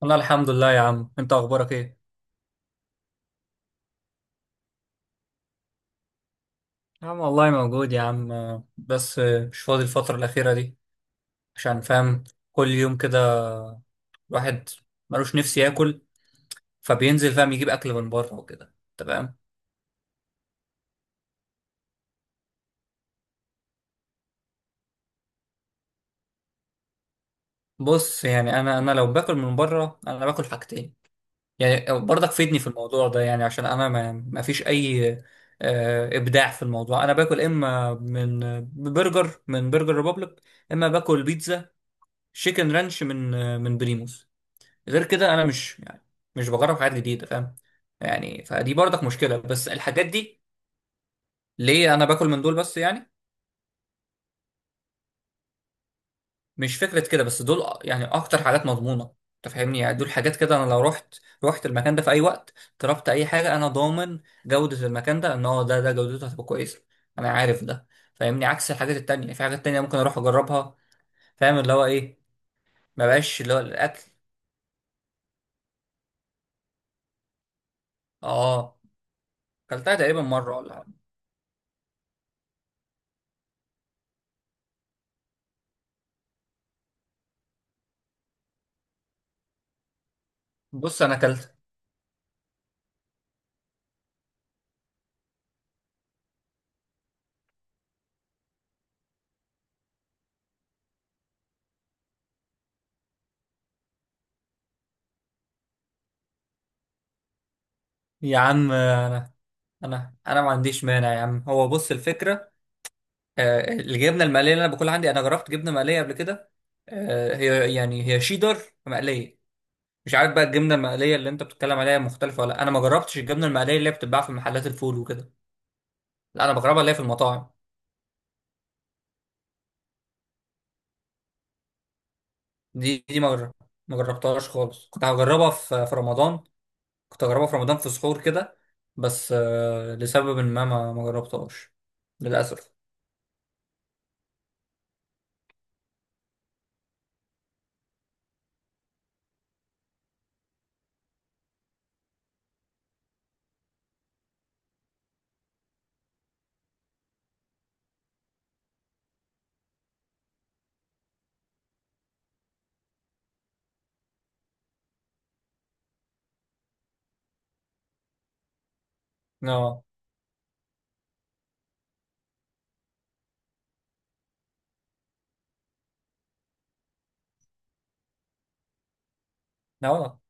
والله الحمد لله يا عم. انت اخبارك ايه؟ يا عم والله موجود يا عم. آه، بس آه، مش فاضي الفترة الأخيرة دي عشان فاهم. كل يوم كده الواحد ملوش نفسي ياكل، فبينزل فاهم يجيب أكل من بره وكده. تمام. بص، يعني أنا لو باكل من بره أنا باكل حاجتين، يعني برضك فيدني في الموضوع ده. يعني عشان أنا ما فيش أي إبداع في الموضوع. أنا باكل إما من برجر، من برجر ريبوبليك، إما باكل بيتزا شيكن رانش من من بريموس. غير كده انا مش يعني مش بجرب حاجات جديده، فاهم؟ يعني فدي برضك مشكله، بس الحاجات دي ليه انا باكل من دول بس؟ يعني مش فكره كده، بس دول يعني اكتر حاجات مضمونه. انت فاهمني؟ يعني دول حاجات كده انا لو رحت رحت المكان ده في اي وقت، طلبت اي حاجه، انا ضامن جوده المكان ده، ان هو ده جودته هتبقى كويسه، انا عارف ده، فاهمني؟ عكس الحاجات التانية، في حاجات تانية ممكن اروح اجربها فاهم اللي هو ايه؟ ما بقاش اللي هو الاكل. اه، كلتها تقريبا مره ولا حاجة. بص انا كلت. يا عم انا ما عنديش مانع يا عم. هو بص، الفكره الجبنه المقليه اللي انا باكلها عندي، انا جربت جبنه مقليه قبل كده، هي يعني هي شيدر مقليه. مش عارف بقى الجبنه المقليه اللي انت بتتكلم عليها مختلفه ولا لأ. انا ما جربتش الجبنه المقليه اللي هي بتتباع في محلات الفول وكده. لا انا بجربها اللي هي في المطاعم. دي دي ما جرب- ما جربتهاش خالص. كنت هجربها في رمضان، كنت هجربها في رمضان في سحور كده، بس لسبب ما ما جربتهاش للاسف. اه اه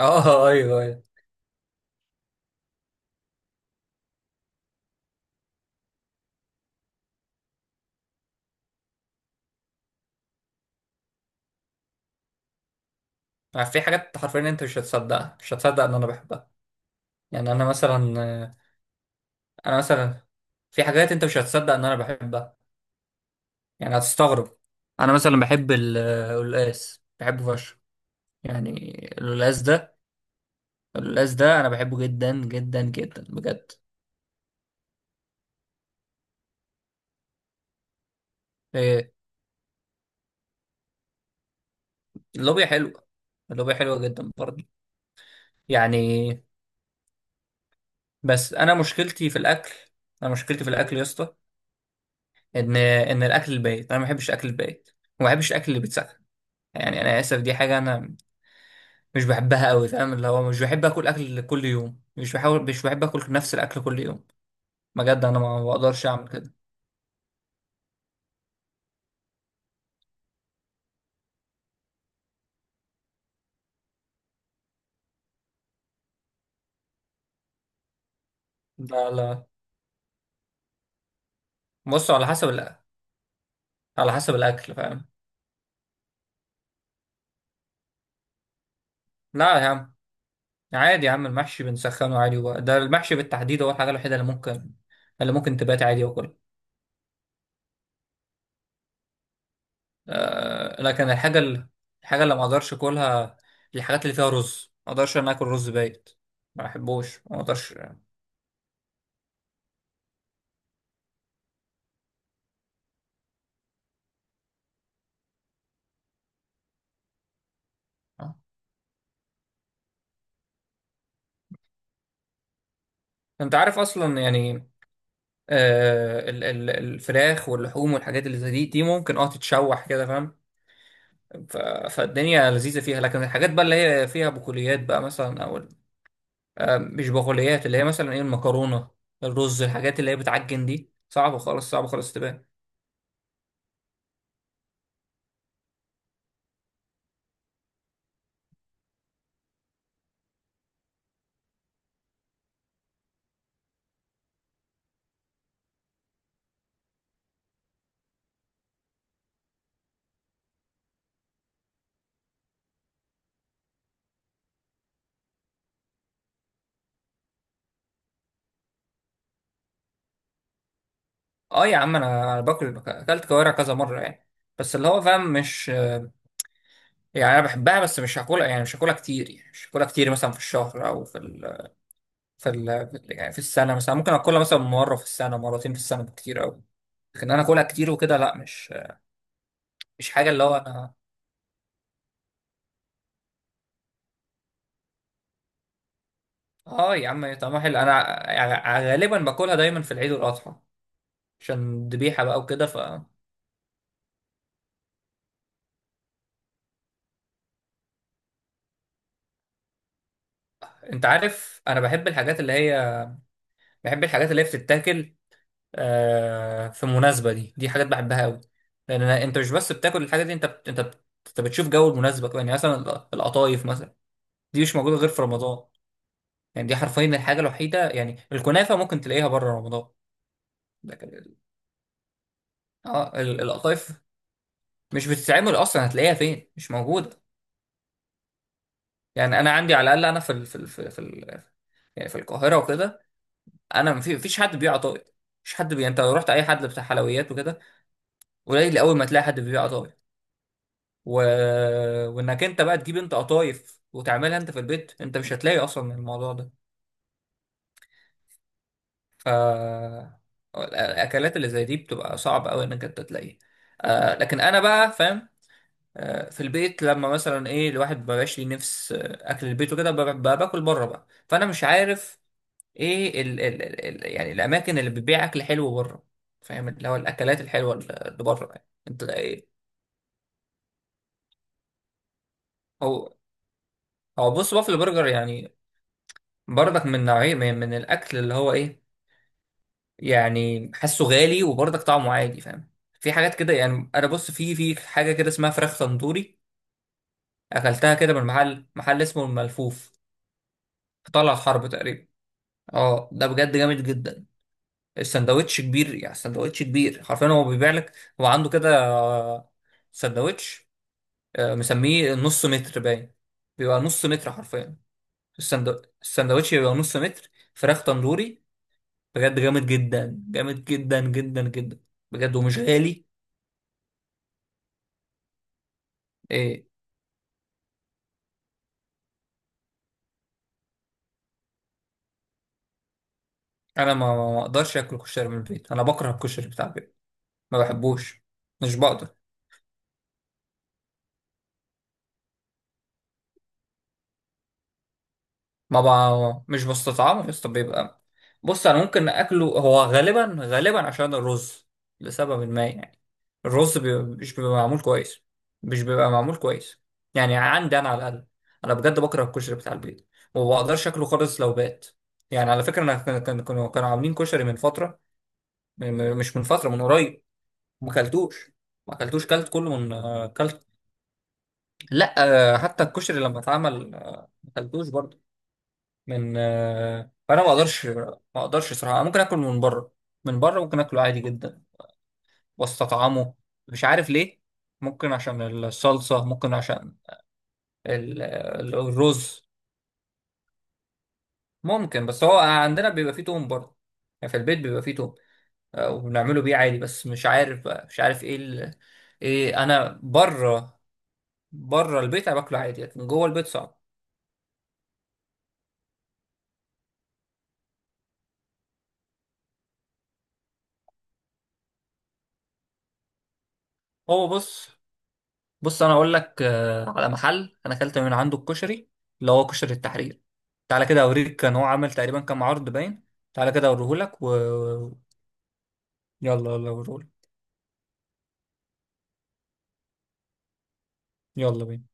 اه، ايوه ايوه. في حاجات حرفيا انت مش هتصدقها، مش هتصدق ان انا بحبها. يعني انا مثلا، انا مثلا في حاجات انت مش هتصدق ان انا بحبها، يعني هتستغرب. انا مثلا بحب القلقاس، بحبه فشخ. يعني القلقاس ده، القلقاس ده انا بحبه جدا جدا جدا بجد. إيه، اللوبيا حلوه، اللوبيا حلوه جدا برضه. يعني بس انا مشكلتي في الاكل، انا مشكلتي في الاكل يا اسطى، ان الاكل البايت انا ما بحبش الاكل البايت، وما بحبش الاكل اللي بيتسخن. يعني انا اسف، دي حاجه انا مش بحبها قوي، فاهم اللي هو مش بحب اكل اكل كل يوم، مش بحاول، مش بحب اكل نفس الاكل كل يوم. بجد انا ما بقدرش اعمل كده. لا لا، بص على على حسب الاكل فاهم. لا يا عم عادي يا عم، المحشي بنسخنه عادي وبقى. ده المحشي بالتحديد هو الحاجه الوحيده اللي ممكن تبات عادي واكلها. لكن الحاجه اللي ما اقدرش اكلها، الحاجات اللي فيها رز، ما اقدرش انا اكل رز بايت، ما بحبوش، ما اقدرش. آه. انت عارف اصلا، يعني الفراخ واللحوم والحاجات اللي زي دي، دي ممكن اه تتشوح كده فاهم. ف- فالدنيا لذيذة فيها. لكن الحاجات بقى اللي هي فيها بقوليات بقى مثلا او ال- آه، مش بقوليات، اللي هي مثلا ايه، المكرونة، الرز، الحاجات اللي هي بتعجن دي صعبة خالص، صعبة خالص تبان. اه يا عم، انا باكل اكلت كوارع كذا مرة يعني، بس اللي هو فاهم، مش آه، يعني انا بحبها بس مش هاكلها، يعني مش هاكلها كتير، يعني مش هاكلها كتير مثلا في الشهر او في يعني في السنة، مثلا ممكن اكلها مثلا مرة في السنة، مرتين في السنة بالكتير قوي. لكن انا اكلها كتير وكده لا، مش حاجه اللي هو انا. اه يا عم طعمها حلو، انا غالبا باكلها دايما في العيد والاضحى، عشان ذبيحه بقى وكده. ف انت عارف انا بحب الحاجات اللي هي، بحب الحاجات اللي هي بتتاكل في مناسبه. دي دي حاجات بحبها قوي، لان انت مش بس بتاكل الحاجه دي، انت بتشوف جو المناسبه كمان. يعني مثلا القطايف مثلا، دي مش موجوده غير في رمضان. يعني دي حرفيا الحاجه الوحيده، يعني الكنافه ممكن تلاقيها بره رمضان، لكن اه القطايف مش بتتعمل اصلا، هتلاقيها فين؟ مش موجوده. يعني انا عندي على الاقل انا يعني في القاهره وكده، انا ما في- مفيش حد بيبيع قطايف. مش حد بي... انت لو رحت اي حد بتاع حلويات وكده، قليل اول ما تلاقي حد بيبيع قطايف. و... وانك انت بقى تجيب انت قطايف وتعملها انت في البيت، انت مش هتلاقي اصلا الموضوع ده. ف الاكلات اللي زي دي بتبقى صعب قوي انك انت تلاقيها. آه لكن انا بقى فاهم في البيت لما مثلا ايه، الواحد ما بقاش ليه نفس اكل البيت وكده، باكل بره بقى، فانا مش عارف ايه ال يعني الاماكن اللي بتبيع اكل حلو بره، فاهم اللي هو الاكلات الحلوه اللي بره يعني، انت ايه؟ هو هو بص بافل برجر يعني برضك من نوعيه من, من الاكل اللي هو ايه، يعني حاسه غالي وبرضك طعمه عادي فاهم. في حاجات كده يعني، انا بص في حاجه كده اسمها فراخ تندوري، اكلتها كده من محل اسمه الملفوف في طلعت حرب تقريبا. اه ده بجد جامد جدا، السندوتش كبير، يعني السندوتش كبير حرفيا، هو بيبيع لك، هو عنده كده سندوتش مسميه نص متر باين، بيبقى نص متر حرفيا. السندوتش بيبقى نص متر فراخ تندوري، بجد جامد جدا، جامد جدا جدا جدا، بجد ومش غالي. إيه. انا ما اقدرش اكل كشري من البيت، انا بكره الكشري بتاع البيت، ما بحبوش، مش بقدر. ما بقى مش بستطعمه يا اسطى، بيبقى، بص انا ممكن اكله، هو غالبا غالبا عشان الرز، لسبب ما يعني، الرز بيبقى مش معمول كويس، مش بيبقى معمول كويس. يعني عندي انا على الاقل، انا بجد بكره الكشري بتاع البيت، وما بقدرش اكله خالص لو بات. يعني على فكره انا كانوا عاملين كشري من فتره، مش من فتره، من قريب، ما اكلتوش. ما اكلتوش، كلت كله من كلت. لا حتى الكشري لما اتعمل ما اكلتوش برضه من فانا ما اقدرش، ما اقدرش صراحه. ممكن اكل من بره، من بره ممكن اكله عادي جدا واستطعمه. مش عارف ليه. ممكن عشان الصلصه، ممكن عشان الرز. ممكن، بس هو عندنا بيبقى فيه توم برضه، يعني في البيت بيبقى فيه توم وبنعمله بيه عادي، بس مش عارف بقى مش عارف ايه ال... ايه انا بره، بره البيت انا باكله عادي لكن جوه البيت صعب. هو بص انا اقول لك على محل انا اكلت من عنده الكشري، اللي هو كشري التحرير. تعالى كده اوريك، كان هو عامل تقريبا كام عرض باين. تعالى كده اوريهولك و يلا اوريهولك. يلا بينا.